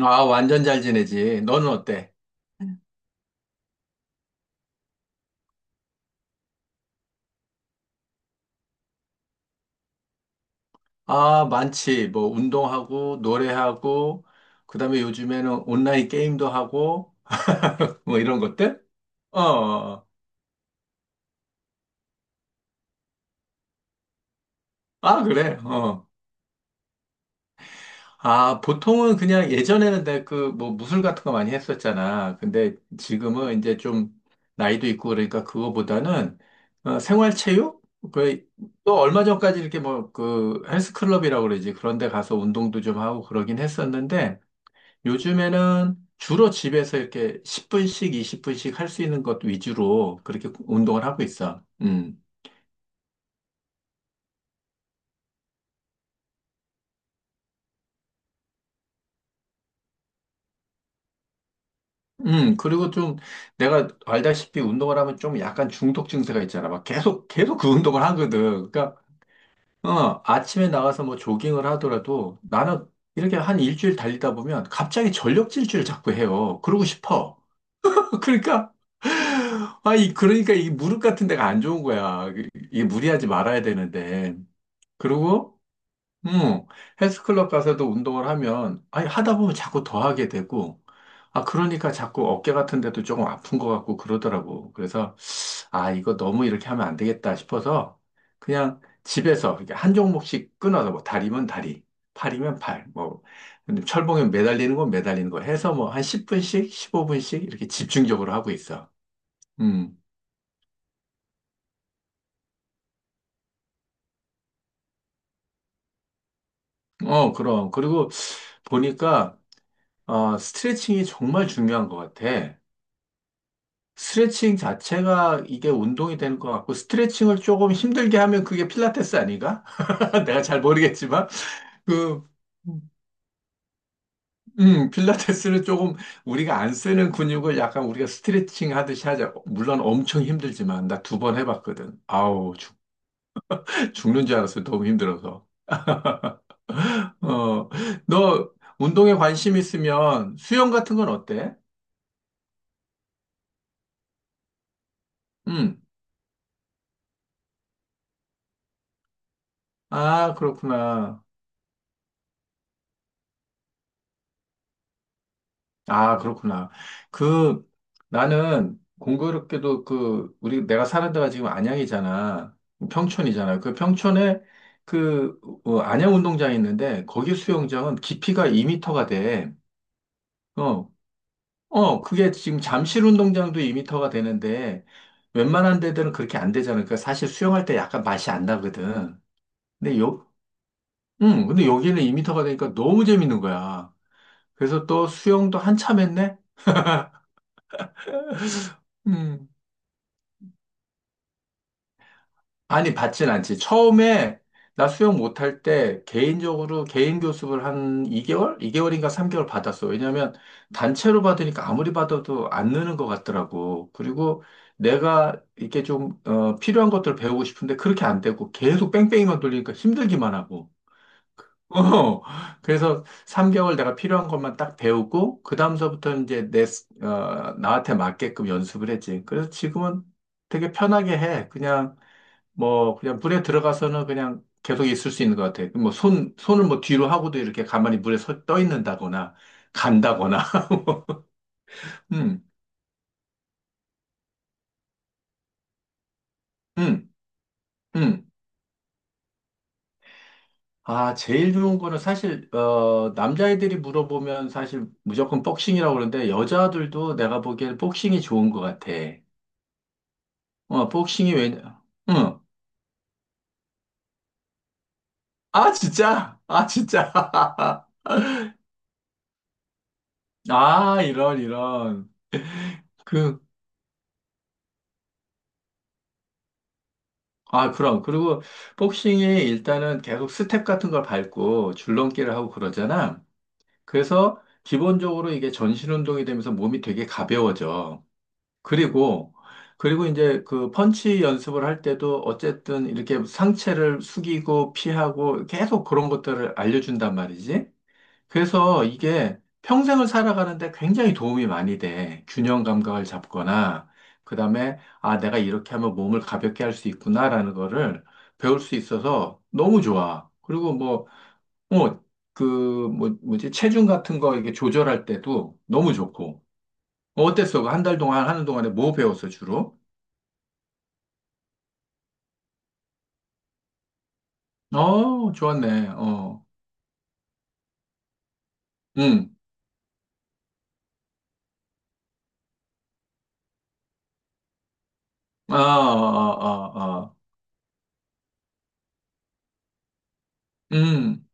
아, 완전 잘 지내지. 너는 어때? 아, 많지. 뭐, 운동하고, 노래하고, 그 다음에 요즘에는 온라인 게임도 하고, 뭐 이런 것들? 어. 어, 어. 아, 그래. 어. 아, 보통은 그냥 예전에는 내가 그, 뭐, 무술 같은 거 많이 했었잖아. 근데 지금은 이제 좀 나이도 있고 그러니까 그거보다는 어, 생활체육? 그, 또 얼마 전까지 이렇게 뭐, 그, 헬스클럽이라고 그러지. 그런 데 가서 운동도 좀 하고 그러긴 했었는데, 요즘에는 주로 집에서 이렇게 10분씩, 20분씩 할 수 있는 것 위주로 그렇게 운동을 하고 있어. 음. 그리고 좀 내가 알다시피 운동을 하면 좀 약간 중독 증세가 있잖아. 막 계속 그 운동을 하거든. 그러니까, 어, 아침에 나가서 뭐 조깅을 하더라도 나는 이렇게 한 일주일 달리다 보면 갑자기 전력 질주를 자꾸 해요. 그러고 싶어. 그러니까 아, 이, 그러니까 이 무릎 같은 데가 안 좋은 거야. 이게 무리하지 말아야 되는데. 그리고 음, 헬스클럽 가서도 운동을 하면, 아니, 하다 보면 자꾸 더 하게 되고, 아, 그러니까 자꾸 어깨 같은 데도 조금 아픈 것 같고 그러더라고. 그래서, 아, 이거 너무 이렇게 하면 안 되겠다 싶어서, 그냥 집에서 이렇게 한 종목씩 끊어서, 뭐, 다리면 다리, 팔이면 팔, 뭐, 근데 철봉에 매달리는 건 매달리는 거 해서 뭐, 한 10분씩, 15분씩 이렇게 집중적으로 하고 있어. 음, 어, 그럼. 그리고 보니까, 어, 스트레칭이 정말 중요한 것 같아. 스트레칭 자체가 이게 운동이 되는 것 같고, 스트레칭을 조금 힘들게 하면 그게 필라테스 아닌가? 내가 잘 모르겠지만, 그, 필라테스는 조금 우리가 안 쓰는 근육을 약간 우리가 스트레칭 하듯이 하자. 물론 엄청 힘들지만, 나 두 번 해봤거든. 아우, 죽는 줄 알았어. 너무 힘들어서. 어, 너 운동에 관심 있으면 수영 같은 건 어때? 음, 아, 그렇구나. 아, 그렇구나. 그, 나는 공교롭게도 그, 우리, 내가 사는 데가 지금 안양이잖아. 평촌이잖아. 그 평촌에 그, 어, 안양 운동장이 있는데, 거기 수영장은 깊이가 2터가 돼. 어, 어, 그게 지금 잠실 운동장도 2터가 되는데, 웬만한 데들은 그렇게 안 되잖아. 그러니까 사실 수영할 때 약간 맛이 안 나거든. 근데 요, 응, 근데 여기는 2터가 되니까 너무 재밌는 거야. 그래서 또 수영도 한참 했네? 음. 아니, 받진 않지. 처음에 나 수영 못할 때 개인적으로 개인 교습을 한 2개월? 2개월인가 3개월 받았어. 왜냐면 단체로 받으니까 아무리 받아도 안 느는 것 같더라고. 그리고 내가 이렇게 좀, 어, 필요한 것들을 배우고 싶은데 그렇게 안 되고 계속 뺑뺑이만 돌리니까 힘들기만 하고. 어, 그래서 3개월 내가 필요한 것만 딱 배우고, 그 다음서부터는 이제 내, 스- 어, 나한테 맞게끔 연습을 했지. 그래서 지금은 되게 편하게 해. 그냥 뭐 그냥 물에 들어가서는 그냥 계속 있을 수 있는 것 같아요. 뭐 손을 뭐 뒤로 하고도 이렇게 가만히 물에 떠 있는다거나 간다거나. 뭐, 음, 음, 음. 아, 제일 좋은 거는 사실 어, 남자애들이 물어보면 사실 무조건 복싱이라고 그러는데 여자들도 내가 보기엔 복싱이 좋은 것 같아. 어, 복싱이 왜? 응. 아, 진짜? 아, 진짜? 아, 이런 이런. 그 아, 그럼. 그리고 복싱이 일단은 계속 스텝 같은 걸 밟고 줄넘기를 하고 그러잖아. 그래서 기본적으로 이게 전신 운동이 되면서 몸이 되게 가벼워져. 그리고, 그리고 이제 그 펀치 연습을 할 때도 어쨌든 이렇게 상체를 숙이고 피하고 계속 그런 것들을 알려준단 말이지. 그래서 이게 평생을 살아가는데 굉장히 도움이 많이 돼. 균형 감각을 잡거나, 그 다음에, 아, 내가 이렇게 하면 몸을 가볍게 할 수 있구나라는 거를 배울 수 있어서 너무 좋아. 그리고 뭐, 뭐, 그, 뭐, 뭐지, 체중 같은 거 이게 조절할 때도 너무 좋고. 어, 어땠어? 그 한달 동안 하는 동안에 뭐 배웠어, 주로? 어, 좋았네. 어, 응. 아, 아, 아, 아. 음,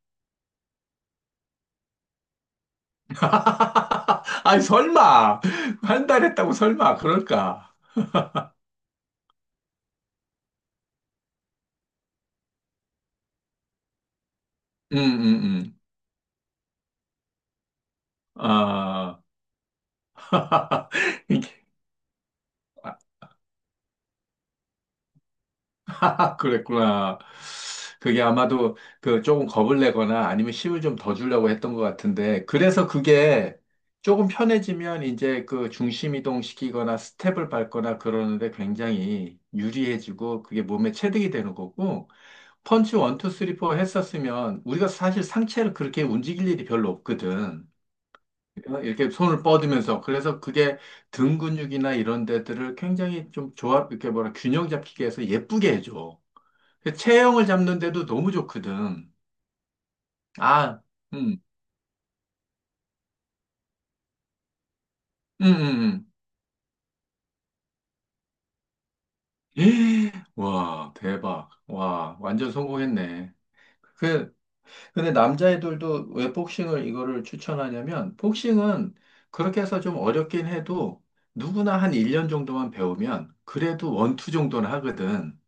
아니, 설마. 한 달 했다고 설마. 그럴까? 음, 음, 음. 아, 이게, 그랬구나. 그게 아마도 그 조금 겁을 내거나 아니면 힘을 좀 더 주려고 했던 것 같은데. 그래서 그게 조금 편해지면 이제 그 중심 이동시키거나 스텝을 밟거나 그러는데 굉장히 유리해지고 그게 몸에 체득이 되는 거고. 펀치 원, 투, 쓰리, 포 했었으면 우리가 사실 상체를 그렇게 움직일 일이 별로 없거든. 어, 이렇게 손을 뻗으면서. 그래서 그게 등 근육이나 이런 데들을 굉장히 좀 조합, 이렇게 뭐라, 균형 잡히게 해서 예쁘게 해줘. 그 체형을 잡는데도 너무 좋거든. 아, 음, 음. 예, 와, 대박. 와, 완전 성공했네. 그 근데 남자애들도 왜 복싱을 이거를 추천하냐면, 복싱은 그렇게 해서 좀 어렵긴 해도 누구나 한 1년 정도만 배우면 그래도 원투 정도는 하거든.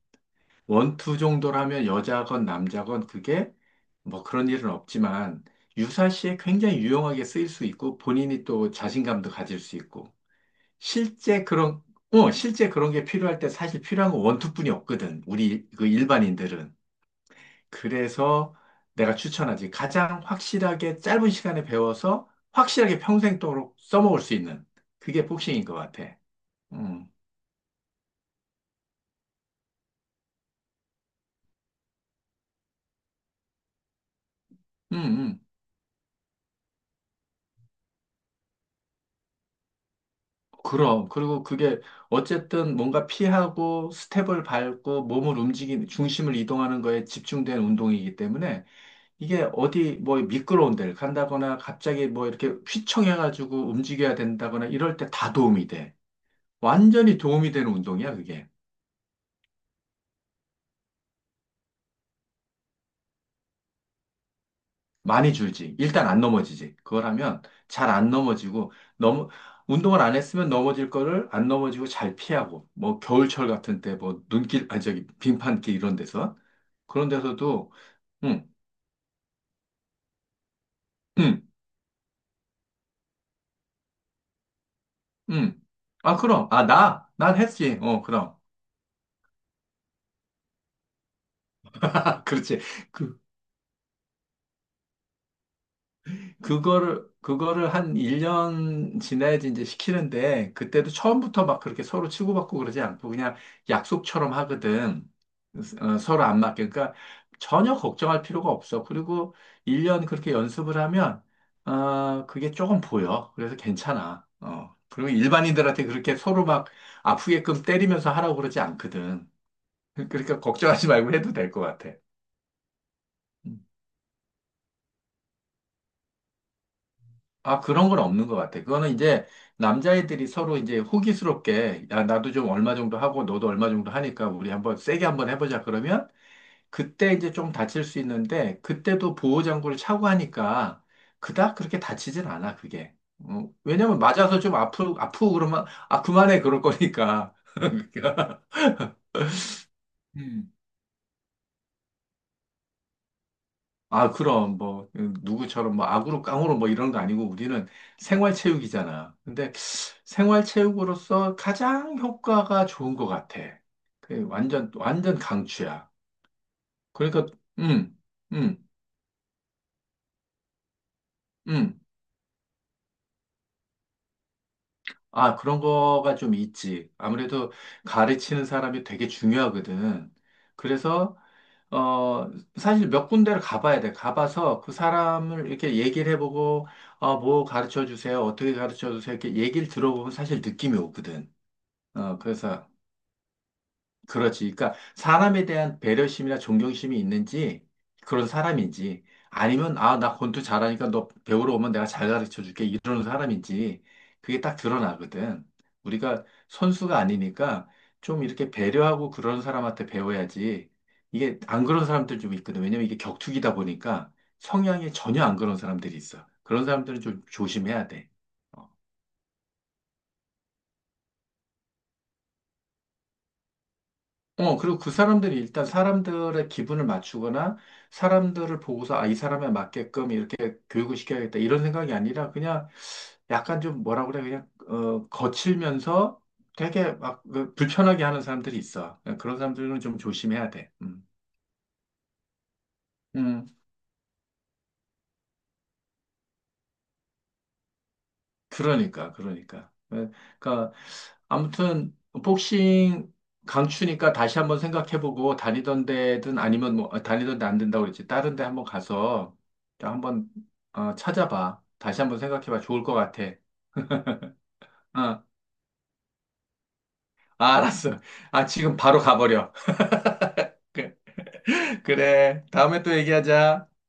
원투 정도라면 여자건 남자건 그게 뭐 그런 일은 없지만 유사시에 굉장히 유용하게 쓰일 수 있고 본인이 또 자신감도 가질 수 있고 실제 그런, 어, 실제 그런 게 필요할 때 사실 필요한 건 원투뿐이 없거든. 우리 그 일반인들은. 그래서 내가 추천하지. 가장 확실하게 짧은 시간에 배워서 확실하게 평생도록 써먹을 수 있는 그게 복싱인 것 같아. 음, 음, 음. 그럼. 그리고 그게 어쨌든 뭔가 피하고 스텝을 밟고 몸을 움직이는, 중심을 이동하는 거에 집중된 운동이기 때문에 이게 어디 뭐 미끄러운 데를 간다거나 갑자기 뭐 이렇게 휘청해가지고 움직여야 된다거나 이럴 때 다 도움이 돼. 완전히 도움이 되는 운동이야, 그게. 많이 줄지. 일단 안 넘어지지. 그걸 하면 잘 안 넘어지고, 너무, 운동을 안 했으면 넘어질 거를 안 넘어지고 잘 피하고, 뭐 겨울철 같은 때, 뭐 눈길, 아니 저기 빙판길 이런 데서. 그런 데서도, 응, 응, 응. 아, 그럼. 아, 나? 난 했지. 어, 그럼. 그렇지. 그 그거를 한 1년 지나야지 이제 시키는데, 그때도 처음부터 막 그렇게 서로 치고받고 그러지 않고 그냥 약속처럼 하거든. 어, 서로 안 맞게. 그러니까 전혀 걱정할 필요가 없어. 그리고 1년 그렇게 연습을 하면, 아, 그게 조금 보여. 그래서 괜찮아. 어. 그리고 일반인들한테 그렇게 서로 막 아프게끔 때리면서 하라고 그러지 않거든. 그러니까 걱정하지 말고 해도 될 것 같아. 음. 아, 그런 건 없는 것 같아. 그거는 이제 남자애들이 서로 이제 호기스럽게, 야, 나도 좀 얼마 정도 하고 너도 얼마 정도 하니까 우리 한번 세게 한번 해보자. 그러면 그때 이제 좀 다칠 수 있는데 그때도 보호장구를 차고 하니까 그닥 그렇게 다치진 않아, 그게. 어, 왜냐면 맞아서 좀 아프고 그러면, 아, 그만해. 그럴 거니까. 그러니까. 아, 그럼, 뭐, 누구처럼, 뭐, 악으로 깡으로 뭐 이런 거 아니고 우리는 생활체육이잖아. 근데 생활체육으로서 가장 효과가 좋은 것 같아. 그 완전, 완전 강추야. 그러니까, 음, 음, 음. 아, 그런 거가 좀 있지. 아무래도 가르치는 사람이 되게 중요하거든. 그래서 어, 사실 몇 군데를 가봐야 돼. 가봐서 그 사람을 이렇게 얘기를 해보고, 어, 뭐 가르쳐 주세요. 어떻게 가르쳐 주세요. 이렇게 얘기를 들어보면 사실 느낌이 오거든. 어, 그래서 그렇지. 그러니까 사람에 대한 배려심이나 존경심이 있는지 그런 사람인지 아니면 아, 나 권투 잘하니까 너 배우러 오면 내가 잘 가르쳐 줄게 이러는 사람인지 그게 딱 드러나거든. 우리가 선수가 아니니까 좀 이렇게 배려하고 그런 사람한테 배워야지 이게 안 그런 사람들 좀 있거든. 왜냐면 이게 격투기다 보니까 성향이 전혀 안 그런 사람들이 있어. 그런 사람들은 좀 조심해야 돼. 어. 어, 그리고 그 사람들이 일단 사람들의 기분을 맞추거나 사람들을 보고서 아, 이 사람에 맞게끔 이렇게 교육을 시켜야겠다 이런 생각이 아니라 그냥 약간 좀 뭐라 그래 그냥 어, 거칠면서 되게 막그 불편하게 하는 사람들이 있어. 그런 사람들은 좀 조심해야 돼. 음. 음. 그러니까, 그러니까. 네, 그러니까 아무튼 복싱 강추니까 다시 한번 생각해보고 다니던 데든 아니면 뭐 아, 다니던 데 안 된다고 그랬지. 다른 데 한번 가서 좀 한번 어, 찾아봐. 다시 한번 생각해봐. 좋을 것 같아. 어, 아, 알았어. 아, 지금 바로 가버려. 그래. 다음에 또 얘기하자.